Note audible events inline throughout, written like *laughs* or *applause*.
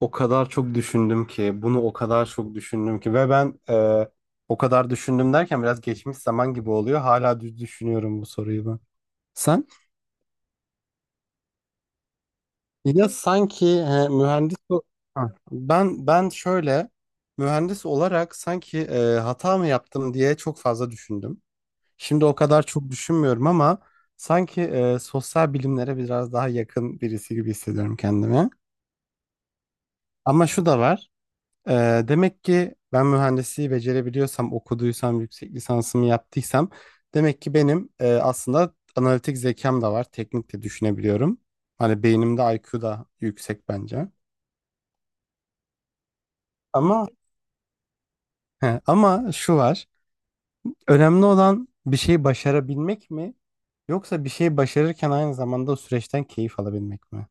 O kadar çok düşündüm ki, bunu o kadar çok düşündüm ki ve ben o kadar düşündüm derken biraz geçmiş zaman gibi oluyor. Hala düz düşünüyorum bu soruyu ben. Sen? Ya sanki Ha. Ben şöyle mühendis olarak sanki hata mı yaptım diye çok fazla düşündüm. Şimdi o kadar çok düşünmüyorum ama sanki sosyal bilimlere biraz daha yakın birisi gibi hissediyorum kendimi. Ama şu da var. Demek ki ben mühendisliği becerebiliyorsam, okuduysam, yüksek lisansımı yaptıysam demek ki benim aslında analitik zekam da var. Teknik de düşünebiliyorum. Hani beynimde IQ da yüksek bence. Ama he, ama şu var. Önemli olan bir şeyi başarabilmek mi? Yoksa bir şeyi başarırken aynı zamanda o süreçten keyif alabilmek mi?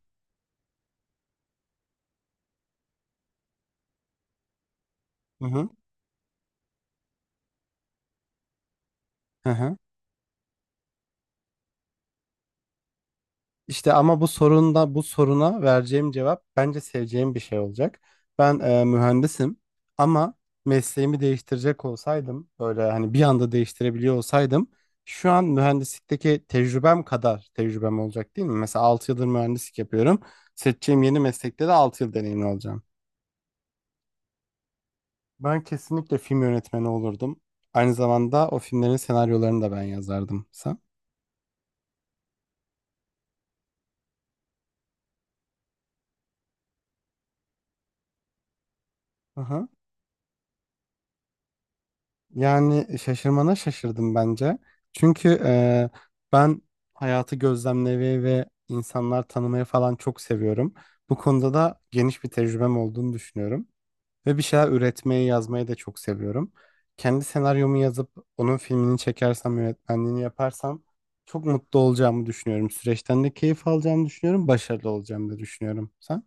Hı hı. Hı hı. İşte ama bu sorunda bu soruna vereceğim cevap bence seveceğim bir şey olacak. Ben mühendisim ama mesleğimi değiştirecek olsaydım böyle hani bir anda değiştirebiliyor olsaydım şu an mühendislikteki tecrübem kadar tecrübem olacak değil mi? Mesela 6 yıldır mühendislik yapıyorum. Seçeceğim yeni meslekte de 6 yıl deneyimli olacağım. Ben kesinlikle film yönetmeni olurdum. Aynı zamanda o filmlerin senaryolarını da ben yazardım. Sen? Aha. Yani şaşırmana şaşırdım bence. Çünkü ben hayatı gözlemlemeyi ve insanlar tanımayı falan çok seviyorum. Bu konuda da geniş bir tecrübem olduğunu düşünüyorum. Ve bir şeyler üretmeyi, yazmayı da çok seviyorum. Kendi senaryomu yazıp onun filmini çekersem, yönetmenliğini yaparsam çok mutlu olacağımı düşünüyorum. Süreçten de keyif alacağımı düşünüyorum. Başarılı olacağımı da düşünüyorum. Sen?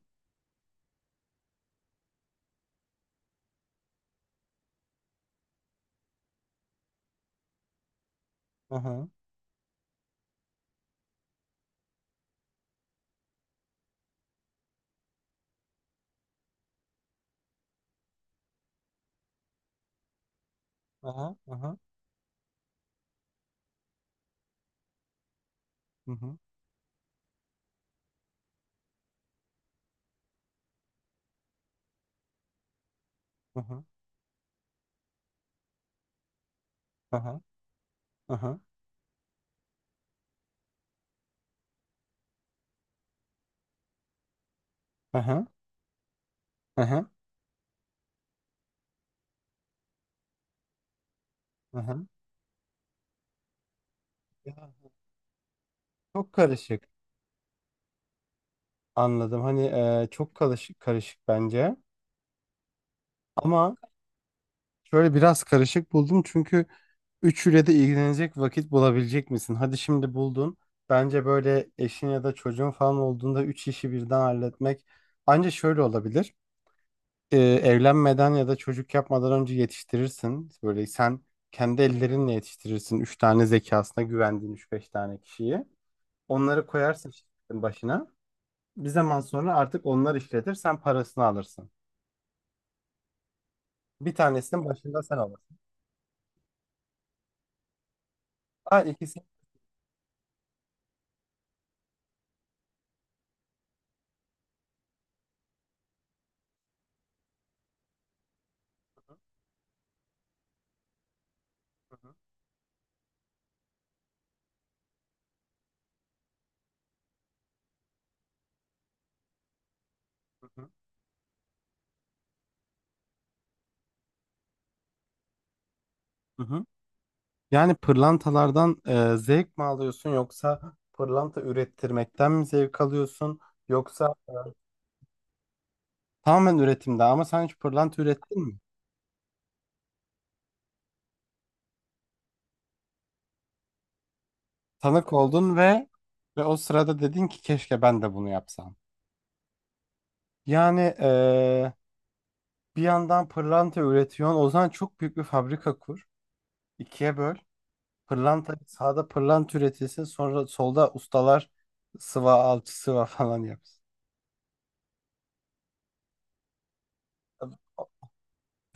Aha. Aha, aha, hı hı, aha, aha, aha, aha, aha, aha. Ya, çok karışık. Anladım. Hani çok karışık, karışık bence. Ama şöyle biraz karışık buldum çünkü üçüyle de ilgilenecek vakit bulabilecek misin? Hadi şimdi buldun. Bence böyle eşin ya da çocuğun falan olduğunda üç işi birden halletmek ancak şöyle olabilir. Evlenmeden ya da çocuk yapmadan önce yetiştirirsin. Böyle sen kendi ellerinle yetiştirirsin. Üç tane zekasına güvendiğin üç beş tane kişiyi. Onları koyarsın şirketin başına. Bir zaman sonra artık onlar işletir. Sen parasını alırsın. Bir tanesinin başında sen alırsın. Ha, ikisi. Hı hı, hı hı, hı hı. Yani pırlantalardan zevk mi alıyorsun yoksa pırlanta ürettirmekten mi zevk alıyorsun yoksa tamamen üretimde ama sen hiç pırlanta ürettin mi? Tanık oldun ve o sırada dedin ki keşke ben de bunu yapsam. Yani bir yandan pırlanta üretiyorsun. O zaman çok büyük bir fabrika kur. İkiye böl. Pırlanta sağda pırlanta üretilsin. Sonra solda ustalar sıva alçı sıva falan yapsın.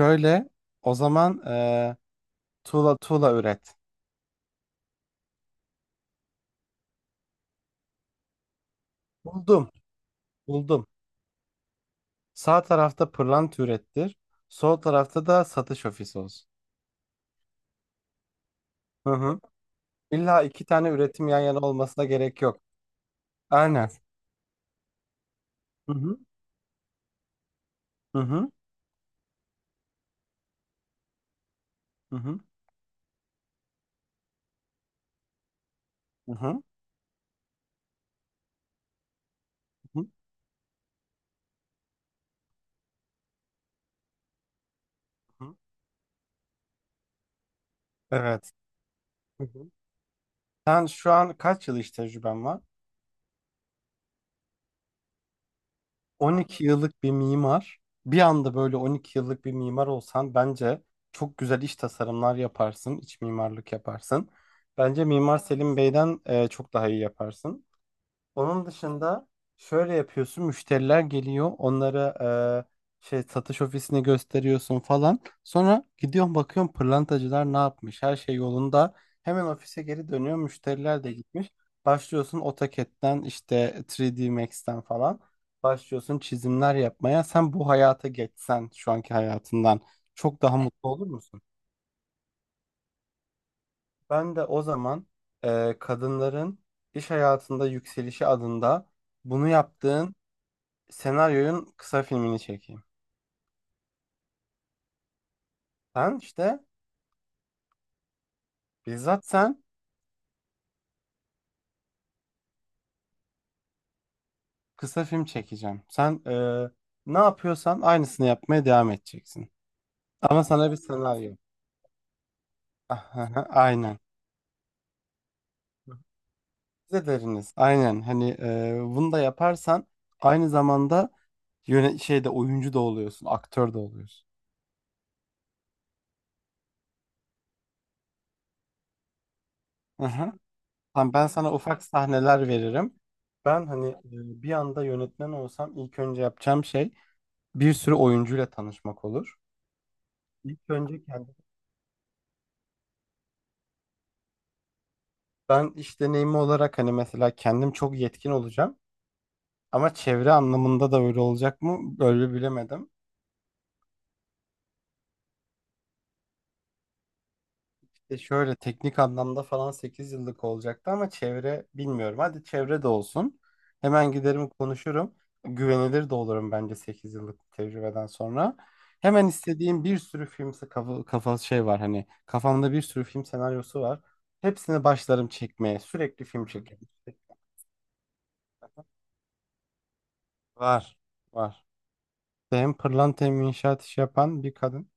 Şöyle o zaman tuğla tuğla üret. Buldum. Buldum. Sağ tarafta pırlanta ürettir. Sol tarafta da satış ofisi olsun. Hı hı. İlla iki tane üretim yan yana olmasına gerek yok. Aynen. Hı hı hı hı hı hı hı hı hı hı. Evet. Hı hı. Sen şu an kaç yıl iş tecrüben var? 12 yıllık bir mimar. Bir anda böyle 12 yıllık bir mimar olsan bence çok güzel iş tasarımlar yaparsın, iç mimarlık yaparsın. Bence Mimar Selim Bey'den çok daha iyi yaparsın. Onun dışında şöyle yapıyorsun. Müşteriler geliyor. Onlara şey satış ofisini gösteriyorsun falan. Sonra gidiyorsun bakıyorsun pırlantacılar ne yapmış? Her şey yolunda. Hemen ofise geri dönüyor. Müşteriler de gitmiş. Başlıyorsun AutoCAD'den işte 3D Max'ten falan. Başlıyorsun çizimler yapmaya. Sen bu hayata geçsen şu anki hayatından çok daha mutlu olur musun? Ben de o zaman kadınların iş hayatında yükselişi adında bunu yaptığın senaryoyun kısa filmini çekeyim. Sen işte bizzat sen kısa film çekeceğim. Sen ne yapıyorsan aynısını yapmaya devam edeceksin. Ama sana bir senaryo. *laughs* Aha, aynen. Size deriniz. Aynen. Hani bunu da yaparsan aynı zamanda yöne şeyde oyuncu da oluyorsun, aktör de oluyorsun. Aha. Tamam, ben sana ufak sahneler veririm. Ben hani bir anda yönetmen olsam ilk önce yapacağım şey bir sürü oyuncuyla tanışmak olur. İlk önce ben iş deneyimi olarak hani mesela kendim çok yetkin olacağım ama çevre anlamında da öyle olacak mı? Böyle bilemedim. İşte şöyle teknik anlamda falan 8 yıllık olacaktı ama çevre bilmiyorum. Hadi çevre de olsun. Hemen giderim konuşurum. Güvenilir de olurum bence 8 yıllık tecrübeden sonra. Hemen istediğim bir sürü film kafa şey var hani kafamda bir sürü film senaryosu var. Hepsini başlarım çekmeye. Sürekli film çekerim. Var. Var. Hem pırlanta hem inşaat işi yapan bir kadın.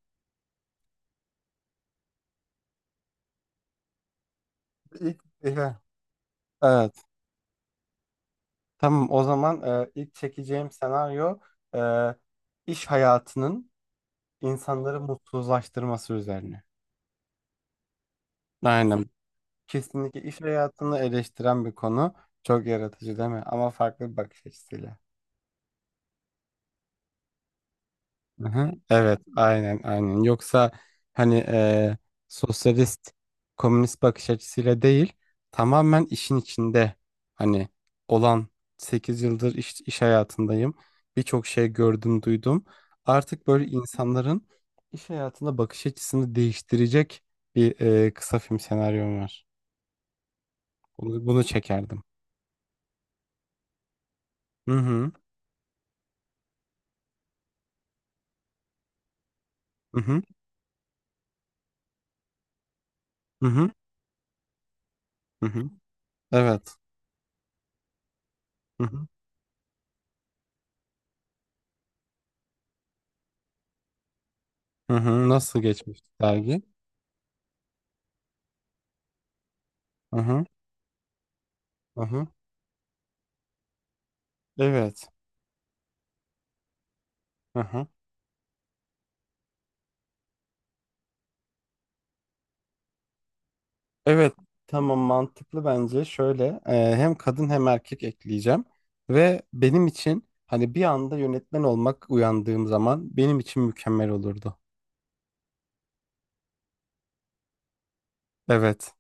İlk, evet. Tamam o zaman ilk çekeceğim senaryo e, iş hayatının insanları mutsuzlaştırması üzerine. Aynen. Kesinlikle iş hayatını eleştiren bir konu. Çok yaratıcı değil mi? Ama farklı bir bakış açısıyla. Aha, evet, aynen, aynen. Yoksa hani sosyalist, komünist bakış açısıyla değil, tamamen işin içinde hani olan 8 yıldır iş hayatındayım. Birçok şey gördüm, duydum. Artık böyle insanların iş hayatına bakış açısını değiştirecek bir kısa film senaryom var. Bunu çekerdim. Hı hı, hı hı, hı hı, hı hı. Evet. Hı hı, hı hı. Nasıl geçmişti dergi? Hı hı, hı hı. Evet. Hı hı. Evet. Tamam mantıklı bence. Şöyle hem kadın hem erkek ekleyeceğim ve benim için hani bir anda yönetmen olmak uyandığım zaman benim için mükemmel olurdu. Evet.